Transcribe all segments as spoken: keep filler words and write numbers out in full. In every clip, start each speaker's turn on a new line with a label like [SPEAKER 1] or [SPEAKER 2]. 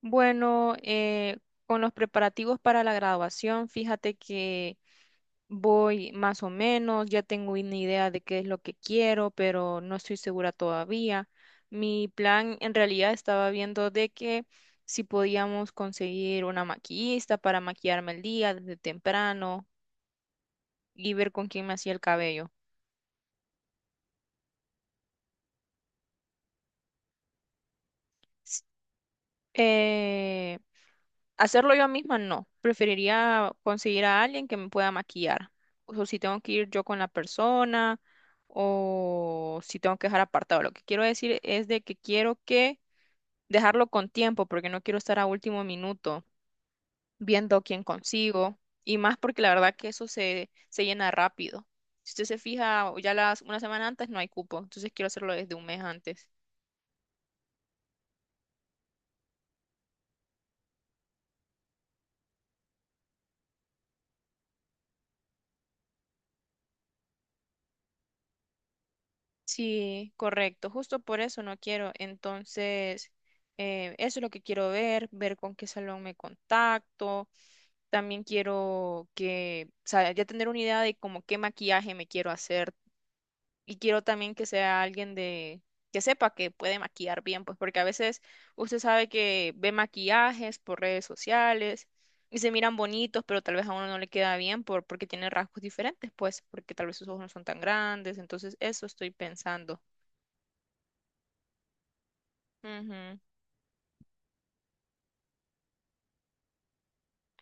[SPEAKER 1] Bueno, eh, con los preparativos para la graduación, fíjate que voy más o menos, ya tengo una idea de qué es lo que quiero, pero no estoy segura todavía. Mi plan en realidad estaba viendo de que si podíamos conseguir una maquillista para maquillarme el día desde temprano y ver con quién me hacía el cabello. Eh, hacerlo yo misma, no. Preferiría conseguir a alguien que me pueda maquillar. O si tengo que ir yo con la persona, o si tengo que dejar apartado. Lo que quiero decir es de que quiero que dejarlo con tiempo, porque no quiero estar a último minuto viendo quién consigo. Y más porque la verdad que eso se, se llena rápido. Si usted se fija, ya las una semana antes no hay cupo, entonces quiero hacerlo desde un mes antes. Sí, correcto, justo por eso no quiero. Entonces, eh, eso es lo que quiero ver, ver con qué salón me contacto. También quiero que, o sea, ya tener una idea de como qué maquillaje me quiero hacer. Y quiero también que sea alguien de, que sepa que puede maquillar bien, pues porque a veces usted sabe que ve maquillajes por redes sociales y se miran bonitos, pero tal vez a uno no le queda bien por, porque tiene rasgos diferentes, pues porque tal vez sus ojos no son tan grandes. Entonces, eso estoy pensando. Ujú,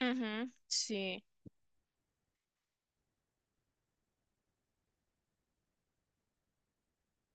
[SPEAKER 1] ujú, sí,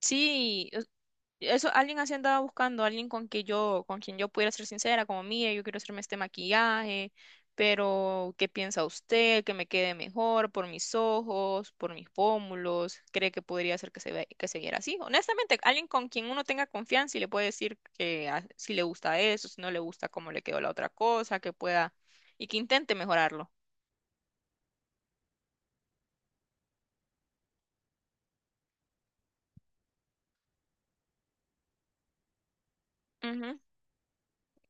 [SPEAKER 1] sí, es- eso alguien así andaba buscando, alguien con que yo, con quien yo pudiera ser sincera, como mire, yo quiero hacerme este maquillaje, pero ¿qué piensa usted? Que me quede mejor por mis ojos, por mis pómulos, ¿cree que podría ser que se ve, que se viera así? Honestamente, alguien con quien uno tenga confianza y le puede decir que ah, si le gusta eso, si no le gusta cómo le quedó la otra cosa, que pueda y que intente mejorarlo.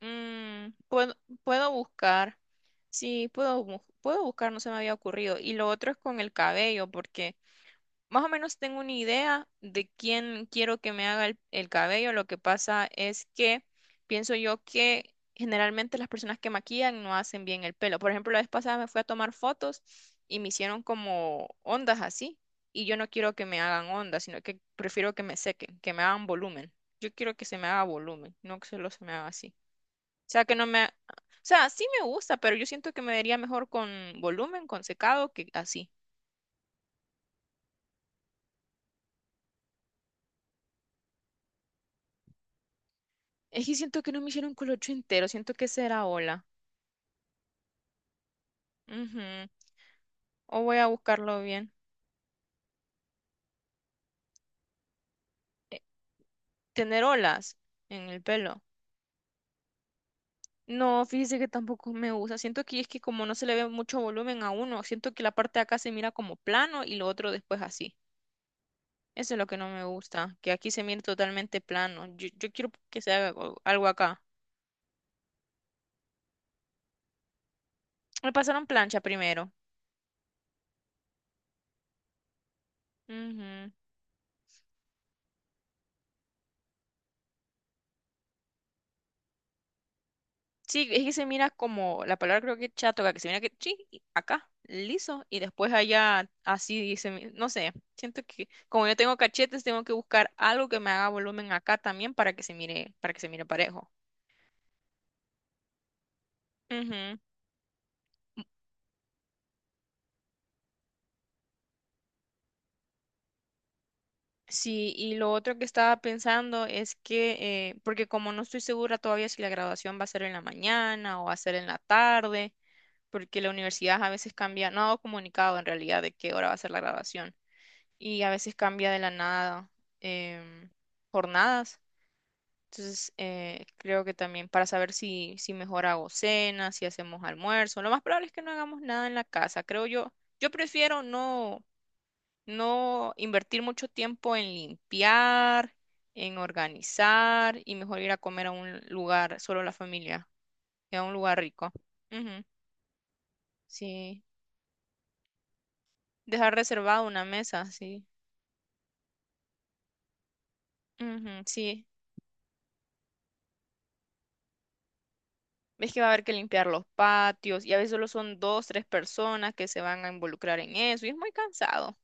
[SPEAKER 1] Mm, puedo, puedo buscar. Sí, puedo, bu- puedo buscar, no se me había ocurrido. Y lo otro es con el cabello, porque más o menos tengo una idea de quién quiero que me haga el, el cabello. Lo que pasa es que pienso yo que generalmente las personas que maquillan no hacen bien el pelo. Por ejemplo, la vez pasada me fui a tomar fotos y me hicieron como ondas así. Y yo no quiero que me hagan ondas, sino que prefiero que me sequen, que me hagan volumen. Yo quiero que se me haga volumen, no que solo se me haga así sea, que no me. O sea, sí me gusta, pero yo siento que me vería mejor con volumen, con secado, que así. Es que siento que no me hicieron colocho entero, siento que será ola. Ujú. O voy a buscarlo bien. Tener olas en el pelo. No, fíjese que tampoco me gusta. Siento que es que como no se le ve mucho volumen a uno, siento que la parte de acá se mira como plano y lo otro después así. Eso es lo que no me gusta, que aquí se mire totalmente plano. Yo, yo quiero que se haga algo algo acá. Me pasaron plancha primero. Ujú. Sí, es que se mira como, la palabra creo que chatoca, que se mira que sí y acá, liso, y después allá así dice, mi- no sé, siento que como yo tengo cachetes, tengo que buscar algo que me haga volumen acá también para que se mire, para que se mire parejo. Ujú. Sí, y lo otro que estaba pensando es que, eh, porque como no estoy segura todavía si la graduación va a ser en la mañana o va a ser en la tarde, porque la universidad a veces cambia, no ha dado comunicado en realidad de qué hora va a ser la graduación. Y a veces cambia de la nada em, jornadas. Entonces, eh, creo que también para saber si, si mejor hago cena, si hacemos almuerzo, lo más probable es que no hagamos nada en la casa, creo yo. Yo prefiero no, no invertir mucho tiempo en limpiar, en organizar y mejor ir a comer a un lugar, solo la familia, y a un lugar rico. Ujú, sí, dejar reservada una mesa, sí. Ujú, sí. Ves que va a haber que limpiar los patios y a veces solo son dos, tres personas que se van a involucrar en eso y es muy cansado.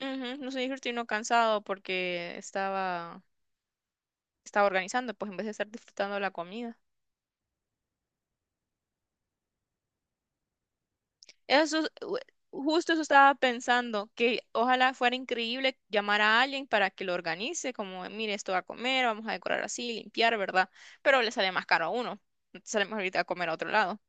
[SPEAKER 1] Ujú, no soy no cansado porque estaba, estaba organizando, pues en vez de estar disfrutando la comida. Eso, es- u- justo eso estaba pensando, que ojalá fuera increíble llamar a alguien para que lo organice, como, mire, esto va a comer, vamos a decorar así, limpiar, ¿verdad? Pero le sale más caro a uno, sale más ahorita a comer a otro lado.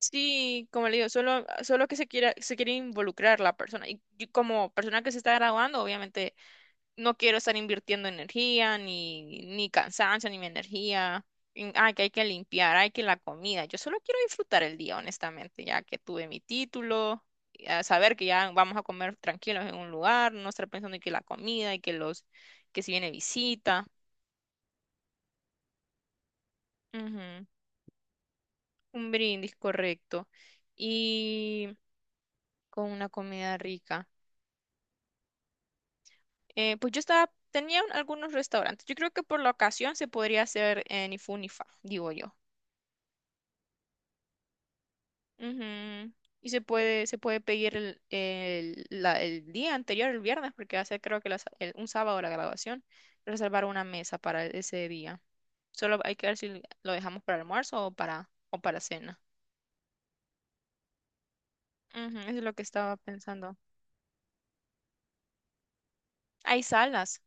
[SPEAKER 1] Sí, como le digo, solo, solo que se quiera, se quiere involucrar la persona. Y yo como persona que se está graduando, obviamente no quiero estar invirtiendo energía, ni, ni cansancio, ni mi energía. En, ay, que hay que limpiar, hay que la comida. Yo solo quiero disfrutar el día, honestamente, ya que tuve mi título, y a saber que ya vamos a comer tranquilos en un lugar, no estar pensando en que la comida y que los, que si viene visita. Ujú. Un brindis, correcto. Y con una comida rica. Eh, pues yo estaba, tenía un- algunos restaurantes. Yo creo que por la ocasión se podría hacer en Ifunifa, digo yo. Ujú. Y se puede, se puede pedir el, el, la- el día anterior, el viernes, porque hace creo que la sa- el- un sábado la graduación, reservar una mesa para ese día. Solo hay que ver si lo dejamos para almuerzo o para, o para cena. Ujú, eso es lo que estaba pensando. Hay salas,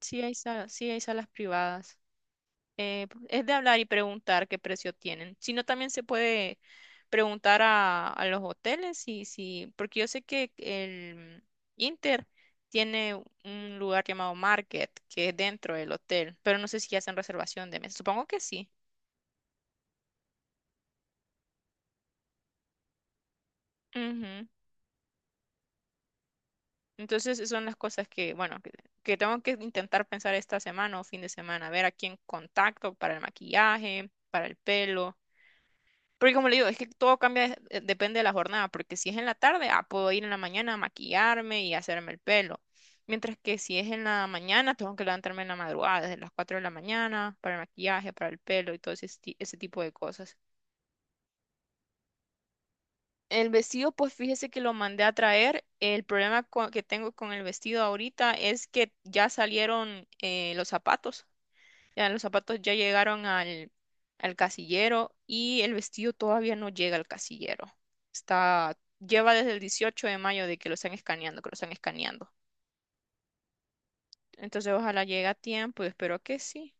[SPEAKER 1] sí hay salas, sí hay salas privadas. Eh, es de hablar y preguntar qué precio tienen. Si no, también se puede preguntar a, a los hoteles y si, porque yo sé que el Inter tiene un lugar llamado Market, que es dentro del hotel, pero no sé si hacen reservación de mesa. Supongo que sí. Ujú. Entonces, esas son las cosas que, bueno, que, que, tengo que intentar pensar esta semana o fin de semana, ver a quién contacto para el maquillaje, para el pelo. Porque como le digo, es que todo cambia, de- eh, depende de la jornada, porque si es en la tarde, ah, puedo ir en la mañana a maquillarme y hacerme el pelo. Mientras que si es en la mañana, tengo que levantarme en la madrugada, desde las cuatro de la mañana, para el maquillaje, para el pelo y todo ese, esti- ese tipo de cosas. El vestido, pues fíjese que lo mandé a traer. El problema co- que tengo con el vestido ahorita es que ya salieron eh, los zapatos. Ya los zapatos ya llegaron al, al casillero y el vestido todavía no llega al casillero. Está, lleva desde el dieciocho de mayo de que lo están escaneando, que lo están escaneando. Entonces ojalá llegue a tiempo y espero que sí.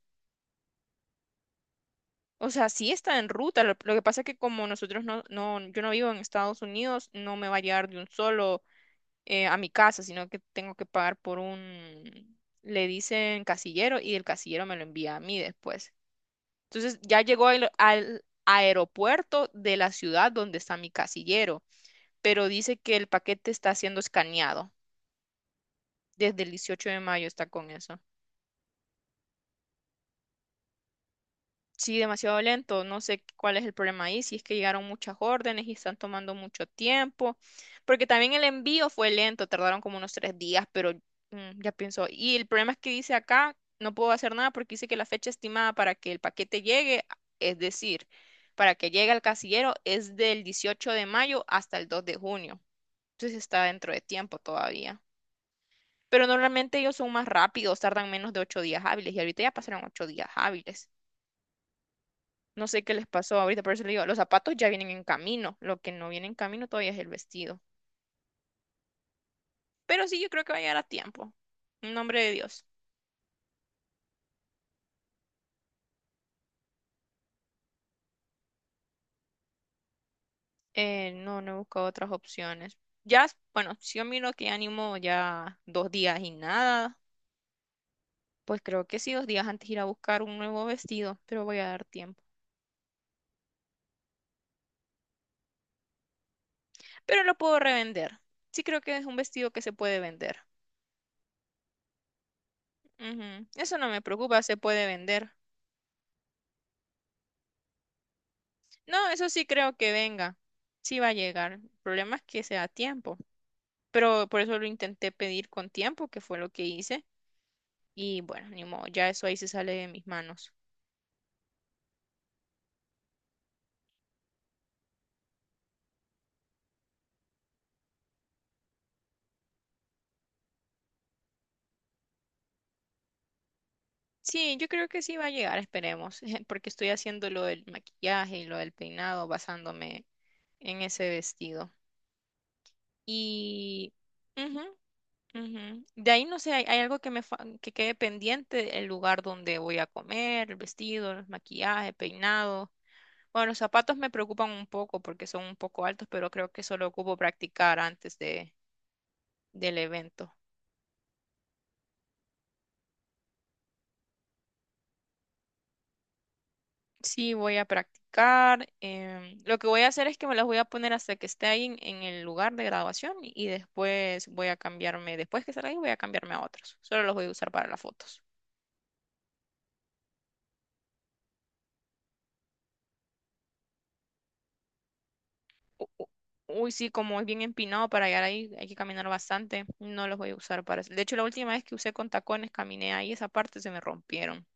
[SPEAKER 1] O sea, sí está en ruta. Lo, lo que pasa es que como nosotros no, no, yo no vivo en Estados Unidos, no me va a llegar de un solo eh, a mi casa, sino que tengo que pagar por un, le dicen casillero y el casillero me lo envía a mí después. Entonces ya llegó al, al aeropuerto de la ciudad donde está mi casillero, pero dice que el paquete está siendo escaneado. Desde el dieciocho de mayo está con eso. Sí, demasiado lento. No sé cuál es el problema ahí, si es que llegaron muchas órdenes y están tomando mucho tiempo, porque también el envío fue lento, tardaron como unos tres días, pero mm, ya pienso. Y el problema es que dice acá, no puedo hacer nada porque dice que la fecha estimada para que el paquete llegue, es decir, para que llegue al casillero es del dieciocho de mayo hasta el dos de junio. Entonces está dentro de tiempo todavía. Pero normalmente ellos son más rápidos, tardan menos de ocho días hábiles y ahorita ya pasaron ocho días hábiles. No sé qué les pasó ahorita, por eso le digo, los zapatos ya vienen en camino. Lo que no viene en camino todavía es el vestido. Pero sí, yo creo que va a llegar a tiempo. En nombre de Dios. Eh, no, no he buscado otras opciones. Ya, bueno, si yo miro que animo ya dos días y nada, pues creo que sí, dos días antes ir a buscar un nuevo vestido, pero voy a dar tiempo. Pero lo puedo revender. Sí creo que es un vestido que se puede vender. Ujú. Eso no me preocupa, se puede vender. No, eso sí creo que venga. Sí va a llegar. El problema es que sea a tiempo. Pero por eso lo intenté pedir con tiempo, que fue lo que hice. Y bueno, ni modo, ya eso ahí se sale de mis manos. Sí, yo creo que sí va a llegar, esperemos, porque estoy haciendo lo del maquillaje y lo del peinado basándome en ese vestido. Y ujú, ujú. De ahí no sé, hay, hay algo que me fa- que quede pendiente, el lugar donde voy a comer, el vestido, el maquillaje, peinado. Bueno, los zapatos me preocupan un poco porque son un poco altos, pero creo que solo ocupo practicar antes de, del evento. Sí, voy a practicar. Em, lo que voy a hacer es que me las voy a poner hasta que esté ahí en, en el lugar de graduación y después voy a cambiarme, después que salga ahí voy a cambiarme a otros. Solo los voy a usar para las fotos. U- u- Uy, sí, como es bien empinado para llegar ahí, hay que caminar bastante. No los voy a usar para eso. De hecho, la última vez que usé con tacones, caminé ahí, esa parte se me rompieron.